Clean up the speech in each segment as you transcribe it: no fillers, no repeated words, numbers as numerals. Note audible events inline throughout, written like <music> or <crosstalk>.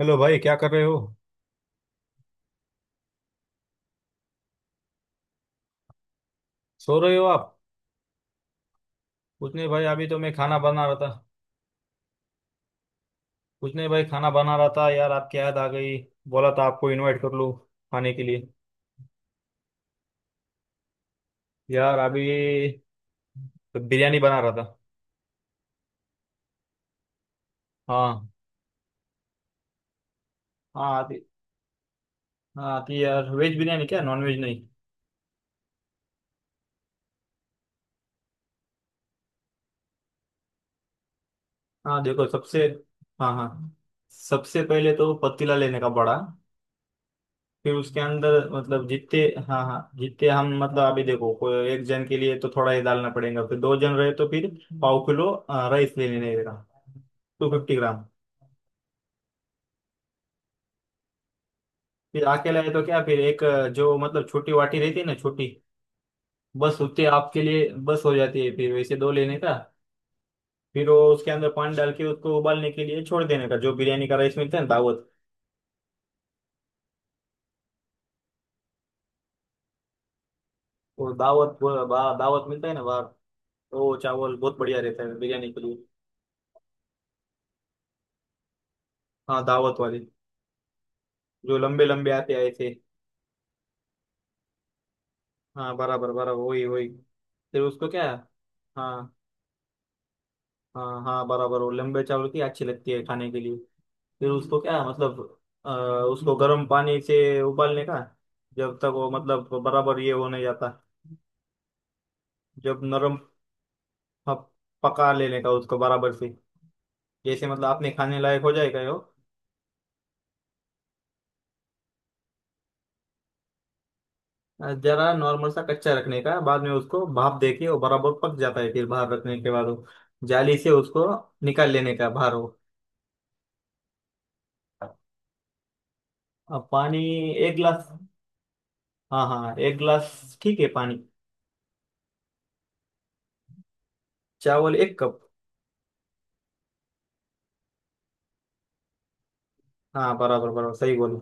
Hello भाई, क्या कर रहे हो? सो रहे हो आप? कुछ नहीं भाई, अभी तो मैं खाना बना रहा था। कुछ नहीं भाई, खाना बना रहा था यार, आपकी याद आ गई। बोला था आपको इनवाइट कर लूँ खाने के लिए। यार अभी तो बिरयानी बना रहा था। हाँ। हाँ, आती। हाँ, आती यार, वेज बिरयानी, क्या नॉन वेज नहीं? हाँ देखो सबसे। हाँ हाँ, सबसे पहले तो पतीला लेने का बड़ा। फिर उसके अंदर मतलब जितने। हाँ हाँ, जितने हम मतलब अभी देखो, कोई एक जन के लिए तो थोड़ा ही डालना पड़ेगा, फिर दो जन रहे तो फिर पाव किलो राइस ले लेने का। 250 ग्राम। फिर अकेला है तो क्या, फिर एक जो मतलब छोटी वाटी रहती है ना, छोटी बस उतने आपके लिए बस हो जाती है, फिर वैसे दो लेने का। फिर वो उसके अंदर पानी डाल के उसको उबालने के लिए छोड़ देने का, जो बिरयानी का राइस मिलता है ना, दावत। वो दावत, वो दावत मिलता है ना बाहर। तो वो चावल बहुत बढ़िया रहता है बिरयानी के लिए। हाँ, दावत वाले। जो लंबे लंबे आते हैं ऐसे। हाँ, बराबर बराबर, वही वही। फिर उसको क्या? हाँ हाँ। हाँ, बराबर, वो लंबे चावल की अच्छी लगती है खाने के लिए। फिर उसको क्या मतलब? अ, उसको गर्म पानी से उबालने का। जब तक वो मतलब बराबर ये हो नहीं जाता, जब नरम प- पका लेने का उसको बराबर से, जैसे मतलब आपने खाने लायक हो जाएगा वो। जरा नॉर्मल सा कच्चा रखने का, बाद में उसको भाप देके वो बराबर पक जाता है, फिर बाहर रखने के बाद वो जाली से उसको निकाल लेने का बाहर वो। अब पानी एक गिलास। हाँ हाँ, एक गिलास ठीक है पानी। चावल एक कप। हाँ, बराबर बराबर, सही बोलो।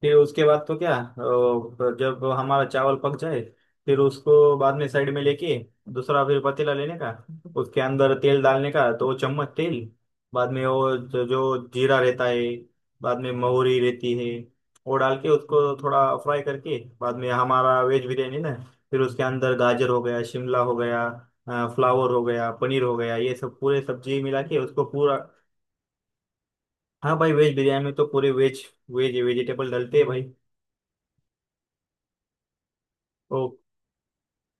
फिर उसके बाद तो क्या, जब हमारा चावल पक जाए, फिर उसको बाद में साइड में लेके दूसरा फिर पतीला लेने का। उसके अंदर तेल डालने का, तो चम्मच तेल। बाद में वो जो जो जीरा रहता है, बाद में महुरी रहती है, वो डाल के उसको थोड़ा फ्राई करके बाद में हमारा वेज बिरयानी ना। फिर उसके अंदर गाजर हो गया, शिमला हो गया, फ्लावर हो गया, पनीर हो गया, ये सब पूरे सब्जी मिला के उसको पूरा। हाँ भाई, वेज बिरयानी में तो पूरे वेज वेज वेजिटेबल डलते हैं भाई। ओ,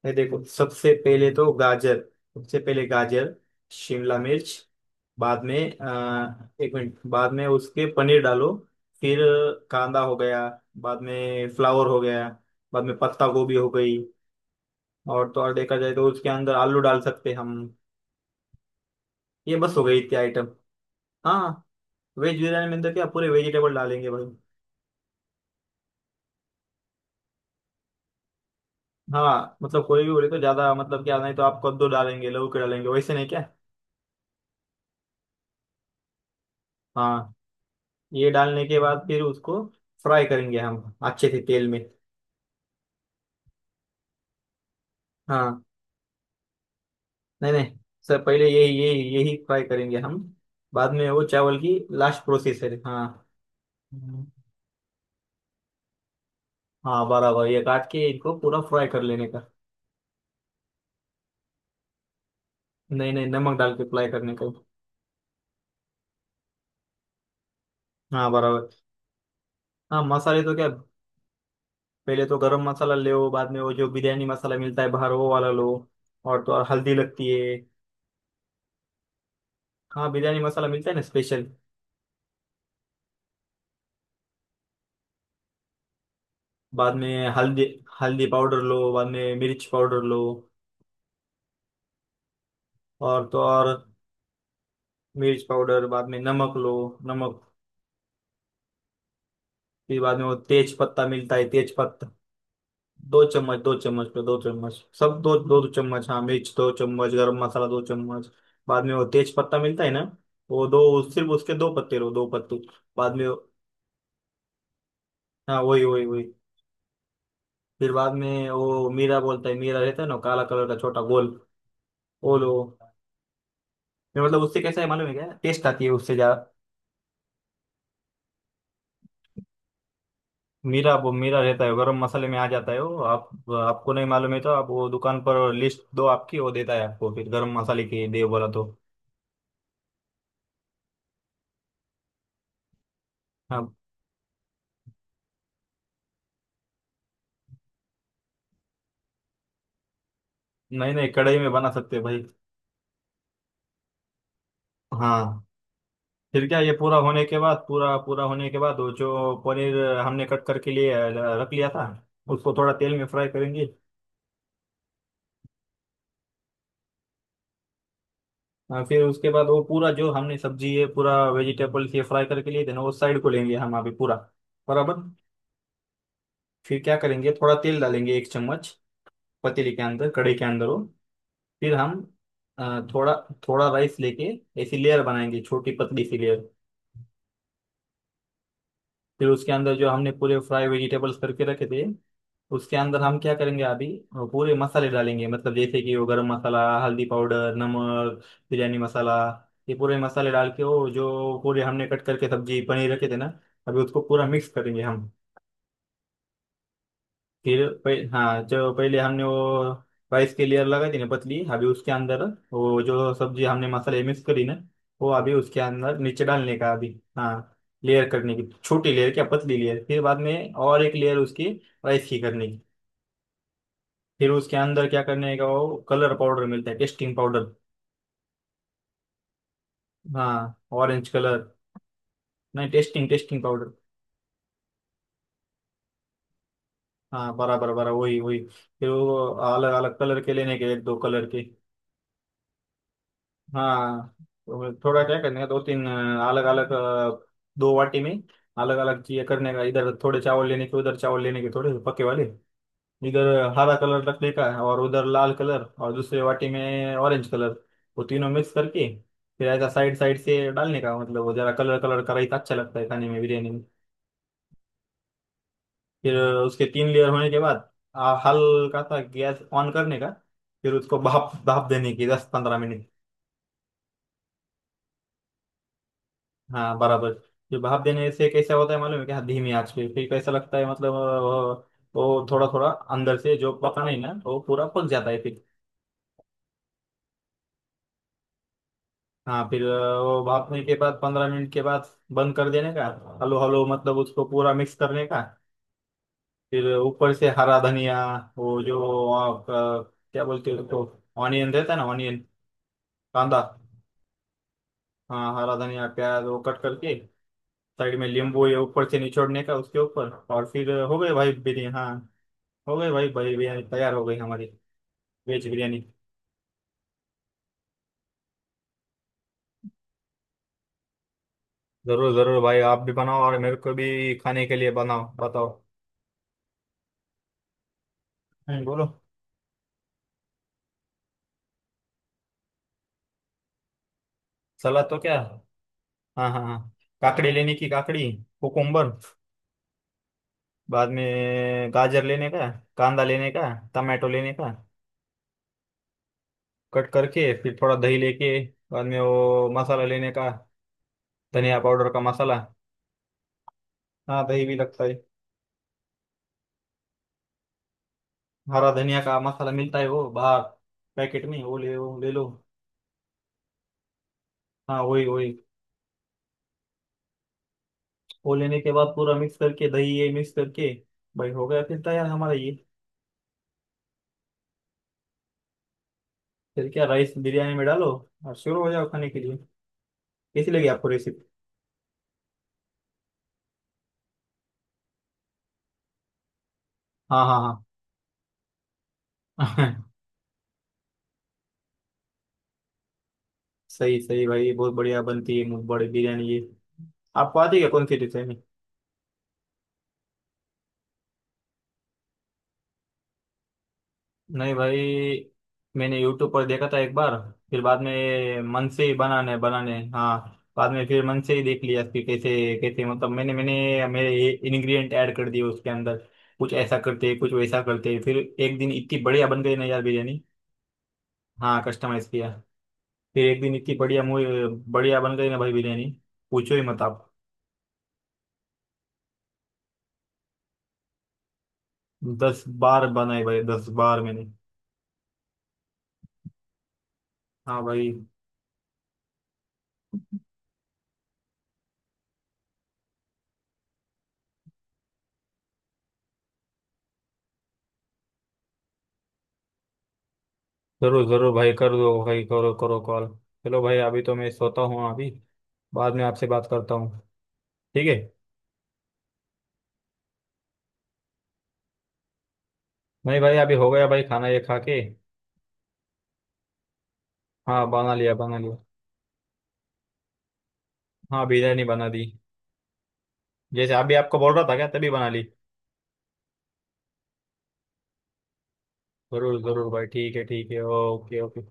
ये देखो सबसे पहले तो गाजर। सबसे पहले गाजर, शिमला मिर्च। बाद में एक मिनट, बाद में उसके पनीर डालो। फिर कांदा हो गया, बाद में फ्लावर हो गया, बाद में पत्ता गोभी हो गई, और तो और देखा जाए तो उसके अंदर आलू डाल सकते हैं हम। ये बस हो गई इतने आइटम। हाँ। वेज बिरयानी में तो क्या, पूरे वेजिटेबल डालेंगे भाई। हाँ, मतलब कोई भी बोले तो ज्यादा मतलब क्या, नहीं तो आप कद्दू डालेंगे, लौकी डालेंगे, वैसे नहीं क्या? हाँ, ये डालने के बाद फिर उसको फ्राई करेंगे हम अच्छे से तेल में। हाँ। नहीं नहीं, सर पहले यही यही यही फ्राई करेंगे हम, बाद में वो चावल की लास्ट प्रोसेस है। हाँ। हम्म। हाँ बराबर, ये काट के इनको पूरा फ्राई कर लेने का। नहीं नहीं, नमक डाल के फ्राई करने का। हाँ बराबर। हाँ, मसाले तो क्या, पहले तो गरम मसाला ले, बाद में वो जो बिरयानी मसाला मिलता है बाहर, वो वाला लो, और तो और हल्दी लगती है। हाँ, बिरयानी मसाला मिलता है ना स्पेशल। बाद में हल्दी, हल्दी पाउडर लो, बाद में मिर्च पाउडर लो। और तो और मिर्च पाउडर, बाद में नमक लो। नमक। फिर बाद में वो तेज पत्ता मिलता है, तेज पत्ता। दो चम्मच, दो चम्मच पे दो चम्मच, सब दो दो, दो चम्मच हाँ, मिर्च दो चम्मच, गरम मसाला दो चम्मच। बाद में वो तेज पत्ता मिलता है ना, वो दो सिर्फ, उसके दो पत्ते लो, 2 पत्ते। बाद में हाँ वही वही वही। फिर बाद में वो मीरा बोलता है, मीरा रहता है ना काला कलर का, छोटा गोल, वो लो। नहीं, मतलब उससे कैसा है मालूम है क्या, टेस्ट आती है उससे जा। मीरा, वो मीरा रहता है, गरम मसाले में आ जाता है वो। आप, आपको नहीं मालूम है तो आप वो दुकान पर लिस्ट दो आपकी, वो देता है आपको, फिर गरम मसाले की दे बोला तो आप। नहीं नहीं, कढ़ाई में बना सकते हैं भाई। हाँ। फिर क्या, ये पूरा होने के बाद, पूरा पूरा होने के बाद वो जो पनीर हमने कट करके लिए रख लिया था, उसको थोड़ा तेल में फ्राई करेंगे। फिर उसके बाद वो पूरा जो हमने सब्जी है पूरा वेजिटेबल्स ये फ्राई करके लिए थे ना, वो साइड को लेंगे हम अभी पूरा। बराबर। फिर क्या करेंगे, थोड़ा तेल डालेंगे एक चम्मच पतीली के अंदर, कढ़ाई के अंदर हो। फिर हम थोड़ा थोड़ा राइस लेके ऐसी लेयर बनाएंगे, छोटी पतली सी लेयर। फिर उसके अंदर जो हमने पूरे फ्राई वेजिटेबल्स करके रखे थे, उसके अंदर हम क्या करेंगे अभी, पूरे मसाले डालेंगे मतलब जैसे कि वो गरम मसाला, हल्दी पाउडर, नमक, बिरयानी मसाला, ये पूरे मसाले डाल के वो जो पूरे हमने कट करके सब्जी पनीर रखे थे ना, अभी उसको पूरा मिक्स करेंगे हम। फिर हाँ, जो पहले हमने वो राइस की लेयर लगाई थी ना पतली, अभी उसके अंदर वो जो सब्जी हमने मसाले मिक्स करी ना, वो अभी उसके अंदर नीचे डालने का अभी। हाँ। लेयर करने की, छोटी लेयर क्या, पतली लेयर, फिर बाद में और एक लेयर उसकी राइस की करने की। फिर उसके अंदर क्या करने का, वो कलर पाउडर मिलता है, टेस्टिंग पाउडर। हाँ, ऑरेंज कलर। नहीं, टेस्टिंग, टेस्टिंग पाउडर। हाँ, बराबर बराबर वही वही। फिर वो अलग अलग कलर के लेने के, एक दो कलर के। हाँ, तो थोड़ा क्या करने का, दो तीन अलग अलग, दो वाटी में अलग अलग चीजें करने का, इधर थोड़े चावल लेने के, उधर चावल लेने के थोड़े पके वाले, इधर हरा कलर रखने का, और उधर लाल कलर, और दूसरे वाटी में ऑरेंज कलर। वो तीनों मिक्स करके फिर ऐसा साइड साइड से डालने का, मतलब वो जरा कलर कलर का रायता अच्छा लगता है खाने में बिरयानी में। फिर उसके 3 लेयर होने के बाद हल्का सा गैस ऑन करने का, फिर उसको भाप भाप देने की 10-15 मिनट। हाँ, बराबर। ये भाप देने से कैसा होता है मालूम है क्या, धीमी आंच पे फिर कैसा लगता है मतलब वो थोड़ा थोड़ा अंदर से जो पका नहीं ना वो पूरा पक जाता है फिर। हाँ, फिर वो भापने के बाद 15 मिनट के बाद बंद कर देने का, हलो हलो, मतलब उसको पूरा मिक्स करने का। फिर ऊपर से हरा धनिया, वो जो क्या बोलते हैं उसको, ऑनियन रहता है ना, ऑनियन, कांदा। हाँ हरा धनिया, प्याज वो कट करके साइड में, नींबू ये ऊपर से निचोड़ने का उसके ऊपर, और फिर हो गए भाई बिरयानी। हाँ, हो गई भाई, भाई बिरयानी तैयार हो गई हमारी, वेज बिरयानी। जरूर जरूर भाई, आप भी बनाओ और मेरे को भी खाने के लिए बनाओ, बताओ। बोलो। सलाद तो क्या, हाँ हाँ हाँ, काकड़ी लेने की, काकड़ी, कुकुम्बर। बाद में गाजर लेने का, कांदा लेने का, टमाटो लेने का, कट करके फिर थोड़ा दही लेके, बाद में वो मसाला लेने का, धनिया पाउडर का मसाला। हाँ, दही भी लगता है। हरा धनिया का मसाला मिलता है वो बाहर पैकेट में, वो ले लो। हाँ, वही वही। वो लेने के बाद पूरा मिक्स करके दही ये मिक्स करके भाई, हो गया फिर तैयार हमारा ये। फिर क्या, राइस बिरयानी में डालो, और शुरू हो जाओ खाने के लिए। कैसी लगी आपको रेसिपी? हाँ हाँ हाँ <laughs> सही सही भाई, ये बहुत बढ़िया बनती है, मुंह बड़ी बिरयानी ये। आपको आती है क्या, कौन सी डिश है? नहीं भाई, मैंने यूट्यूब पर देखा था एक बार, फिर बाद में मन से ही बनाने बनाने, हाँ, बाद में फिर मन से ही देख लिया कि कैसे कैसे, मतलब मैंने मैंने मेरे इंग्रेडिएंट ऐड कर दिए उसके अंदर, कुछ ऐसा करते, कुछ वैसा करते, फिर एक दिन इतनी बढ़िया बन गई ना यार बिरयानी। हाँ, कस्टमाइज किया। फिर एक दिन इतनी बढ़िया बढ़िया बन गई ना भाई बिरयानी, पूछो ही मत आप। 10 बार बनाई भाई, 10 बार मैंने। हाँ भाई। जरूर जरूर भाई, कर दो भाई, करो करो कॉल। चलो भाई, अभी तो मैं सोता हूँ अभी, बाद में आपसे बात करता हूँ। ठीक है। नहीं भाई, अभी हो गया भाई खाना, ये खा के। हाँ, बना लिया बना लिया। हाँ, बिरयानी बना दी, जैसे अभी आपको बोल रहा था क्या, तभी बना ली। जरूर जरूर भाई, ठीक है ठीक है, ओके ओके।